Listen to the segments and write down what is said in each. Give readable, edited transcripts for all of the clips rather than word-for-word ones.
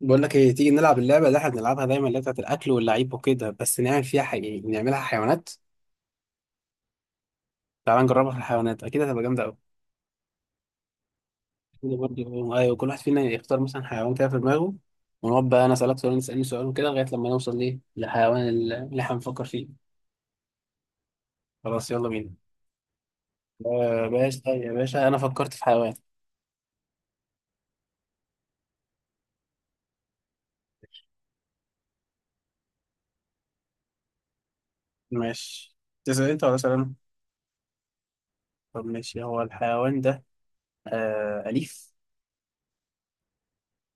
بقول لك ايه؟ تيجي نلعب اللعبه اللي احنا بنلعبها دايما، اللي هي بتاعت الاكل واللعيب وكده، بس نعمل فيها حقيقي، نعملها حيوانات. تعال نجربها في الحيوانات، اكيد هتبقى جامده قوي. برضه ايوه، كل واحد فينا يختار مثلا حيوان كده في دماغه. ونقعد بقى انا اسالك سؤال وأنت تسالني سؤال وكده لغايه لما نوصل ليه للحيوان اللي احنا بنفكر فيه. خلاص يلا بينا. آه باشا، طيب يا باشا، انا فكرت في حيوان. ماشي. تسال انت ولا اسال انا؟ طب ماشي، هو الحيوان ده اليف؟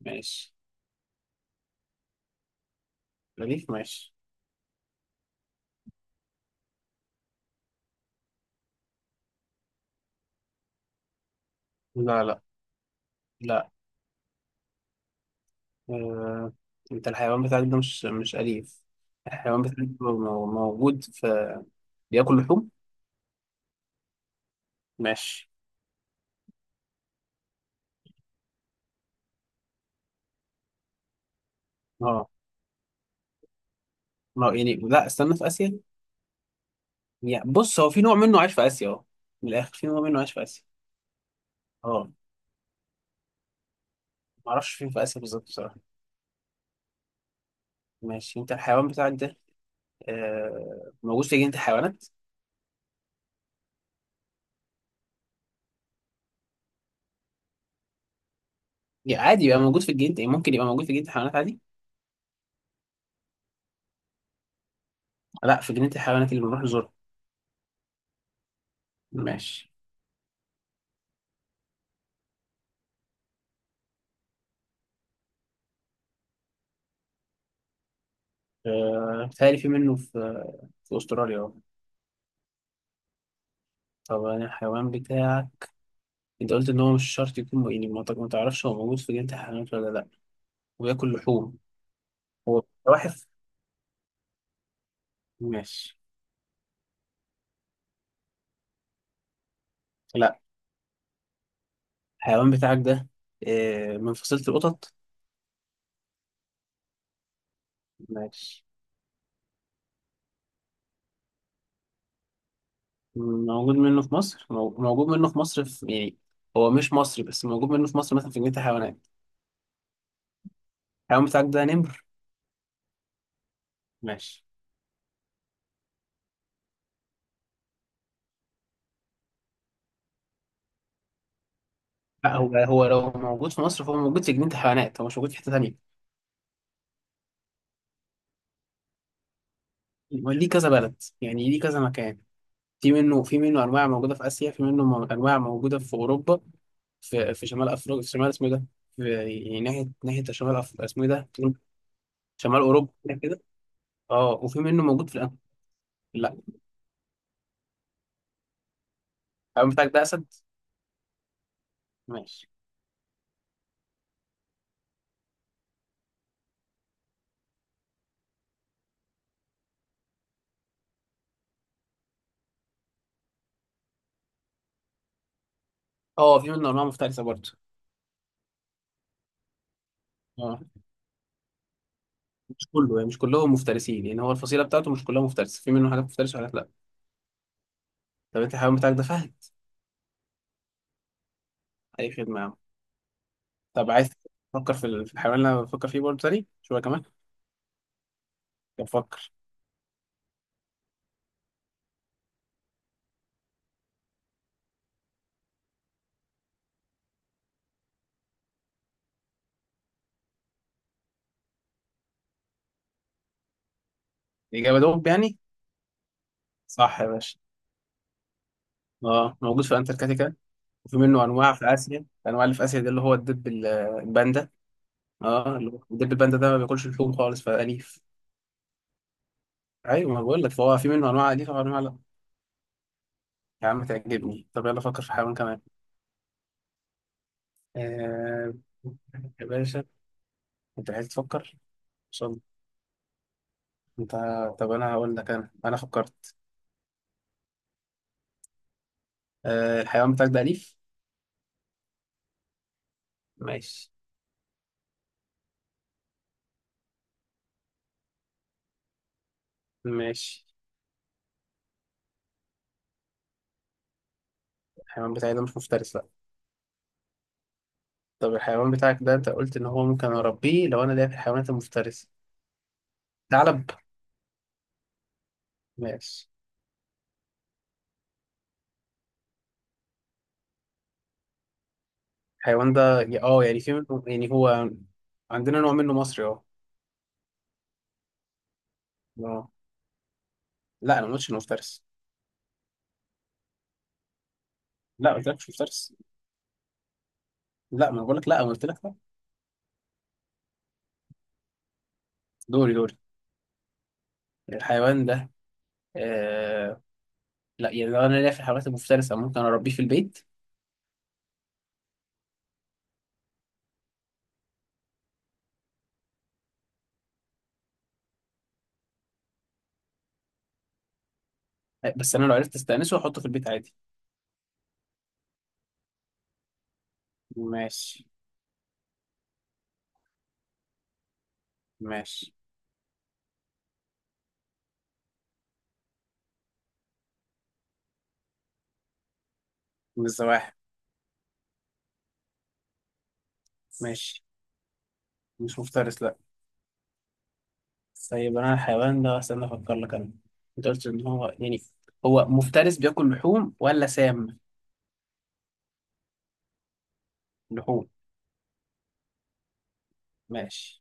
ماشي اليف. ماشي. لا لا لا. آه، انت الحيوان بتاعك ده مش أليف. الحيوان بتاعك ده موجود في، بياكل لحوم. ماشي اه. ما هو يعني لا، استنى، في آسيا. يعني بص، هو في نوع منه عايش في آسيا اه. من الآخر، في نوع منه عايش في آسيا اه. معرفش فين في آسيا بالظبط بصراحة. ماشي. انت الحيوان بتاعك ده موجود في جنينة الحيوانات؟ يعني عادي يبقى موجود في الجنينة، يعني ممكن يبقى موجود في جنينة الحيوانات عادي. لا، في جنينة الحيوانات اللي بنروح نزورها. ماشي. بيتهيألي في منه في، في أستراليا اه. طب أنا الحيوان بتاعك، انت قلت ان هو مش شرط يكون، يعني ما تعرفش هو موجود في جنينة الحيوانات ولا لا، وياكل لحوم. هو زواحف؟ ماشي لا. الحيوان بتاعك ده من فصيلة القطط؟ ماشي. موجود منه في مصر موجود منه في مصر في يعني. هو مش مصري بس موجود منه في مصر مثلا في جنينة الحيوانات. الحيوان بتاعك ده نمر؟ ماشي لا. هو لو موجود في مصر فهو موجود في جنينة الحيوانات، هو مش موجود في حتة تانية. هو ليه كذا بلد، يعني ليه كذا مكان. في منه انواع موجوده في اسيا، في منه انواع موجوده في اوروبا. في شمال افريقيا، في شمال، اسمه إيه ده؟ في، يعني ناحيه شمال اسمه إيه ده؟ شمال اوروبا كده كده. اه وفي منه موجود في لا. الأمن بتاعك ده اسد؟ ماشي. اه في منه انواع مفترسه برضه. اه مش كله، يعني مش كلهم مفترسين، يعني هو الفصيله بتاعته مش كلها مفترسه، في منه حاجات مفترسه وحاجات لا. طب انت الحيوان بتاعك ده فهد؟ اي خدمه يا عم. طب عايز تفكر في في الحيوان اللي انا بفكر فيه برضه تاني شويه كمان؟ طب فكر. الاجابه دول يعني؟ صح يا باشا. اه موجود في انتاركتيكا، وفي منه انواع في اسيا، الانواع اللي في اسيا دي اللي هو الدب الباندا. اه اللي هو الدب الباندا ده ما بياكلش لحوم خالص فأليف. ايوه ما بقول لك، فهو في منه انواع اليفه وانواع لا. يا عم تعجبني. طب يلا فكر في حيوان كمان. آه يا باشا، انت عايز تفكر ان شاء الله. انت طب انا هقول لك، انا انا فكرت الحيوان بتاعك ده اليف؟ ماشي ماشي. الحيوان بتاعي ده مش مفترس لا. طب الحيوان بتاعك ده، انت قلت ان هو ممكن اربيه لو انا ليا في الحيوانات المفترسه، ثعلب؟ ماشي. الحيوان ده اه، في منه، يعني هو، عندنا نوع منه مصري اه. اه لا انا ما قلتش انه مفترس. لا ما قلتلكش مفترس. لا ما انا بقول لك لا، انا قلت لك لا. دوري دوري. الحيوان ده آه... لا، يعني لو انا ليا في الحيوانات المفترسه ممكن اربيه في البيت. بس انا لو عرفت استأنسه واحطه في البيت عادي. ماشي. ماشي. من الزواحف. ماشي. مش مفترس لا. طيب انا الحيوان ده، استنى افكر لك انا، انت قلت ان هو يعني، هو مفترس بياكل لحوم ولا سام؟ لحوم. ماشي.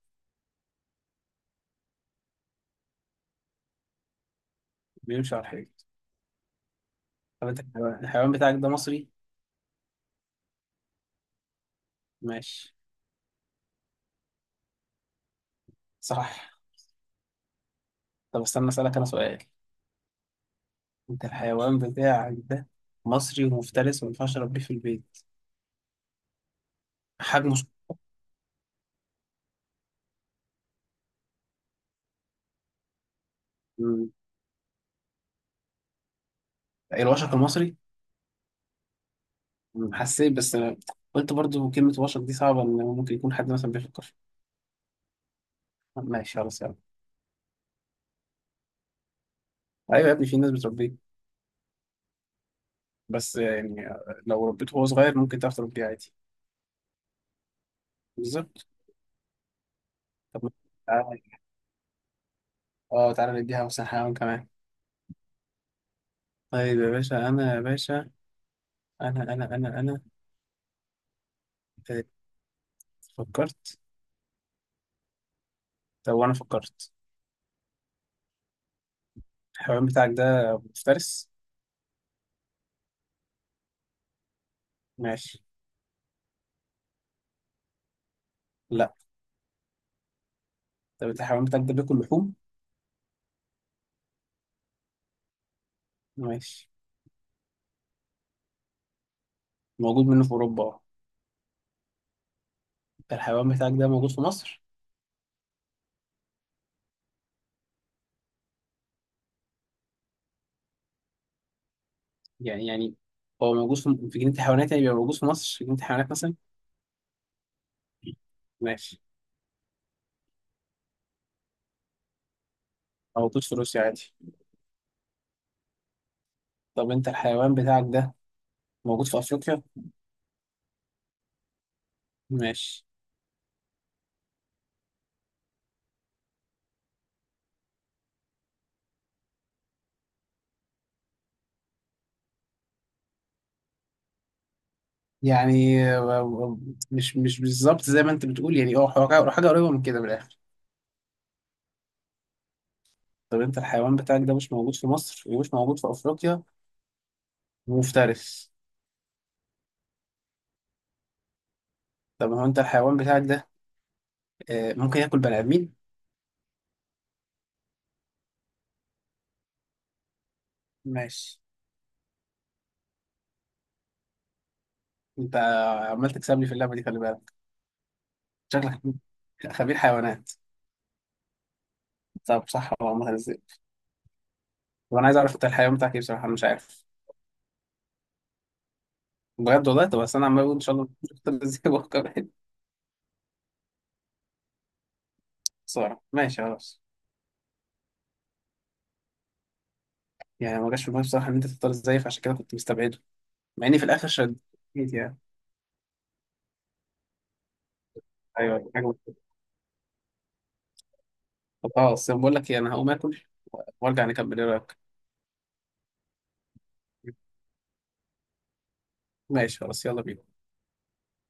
بيمشي على الحيط. طب انت الحيوان بتاعك ده مصري؟ ماشي. صح. طب استنى اسألك انا سؤال. انت الحيوان بتاعك ده مصري ومفترس وما ينفعش اربيه في البيت. حجمه مم. الوشق المصري. مم. حسيت بس أنا، قلت برضو كلمة وشق دي صعبة، ان ممكن يكون حد مثلا بيفكر فيها. ماشي خلاص يعني. ايوه يا ابني في ناس بتربيه. بس يعني لو ربيته وهو صغير ممكن تعرف تربيه عادي. بالظبط. طب تعالى. اه تعالى نديها مثلا حيوان كمان. طيب يا باشا، انا يا باشا، انا آه، فكرت. طب وانا فكرت. الحيوان بتاعك ده مفترس؟ ماشي لا. طب انت الحيوان بتاعك ده بياكل لحوم؟ ماشي. موجود منه في اوروبا اه. انت الحيوان بتاعك ده موجود في مصر؟ يعني هو موجود في جنينة الحيوانات يعني، بيبقى موجود في مصر في جنينة الحيوانات مثلا. ماشي. موجود في روسيا عادي. طب انت الحيوان بتاعك ده موجود في افريقيا؟ ماشي. يعني مش بالظبط زي ما انت بتقول، يعني اه حاجة قريبة من كده، من الاخر. طب انت الحيوان بتاعك ده مش موجود في مصر ومش موجود في افريقيا ومفترس. طب هو انت الحيوان بتاعك ده ممكن ياكل بني ادمين؟ ماشي. انت عمال تكسبني في اللعبه دي، خلي بالك. شكلك خبير حيوانات. طب صح ولا مثلا ازاي؟ طب انا عايز اعرف انت الحيوان بتاعك ايه، بصراحه انا مش عارف. بجد والله. طب بس انا عمال اقول ان شاء الله تختار ازاي وهو كمان. صورة ماشي خلاص. يعني ما جاش في دماغي بصراحه ان انت تختار ازاي، فعشان كده كنت مستبعده، مع اني في الاخر شديت يعني. ايوه حاجه. طب خلاص بقول لك ايه، انا هقوم اكل وارجع نكمل، ايه رايك؟ ماشي خلاص يلا بينا.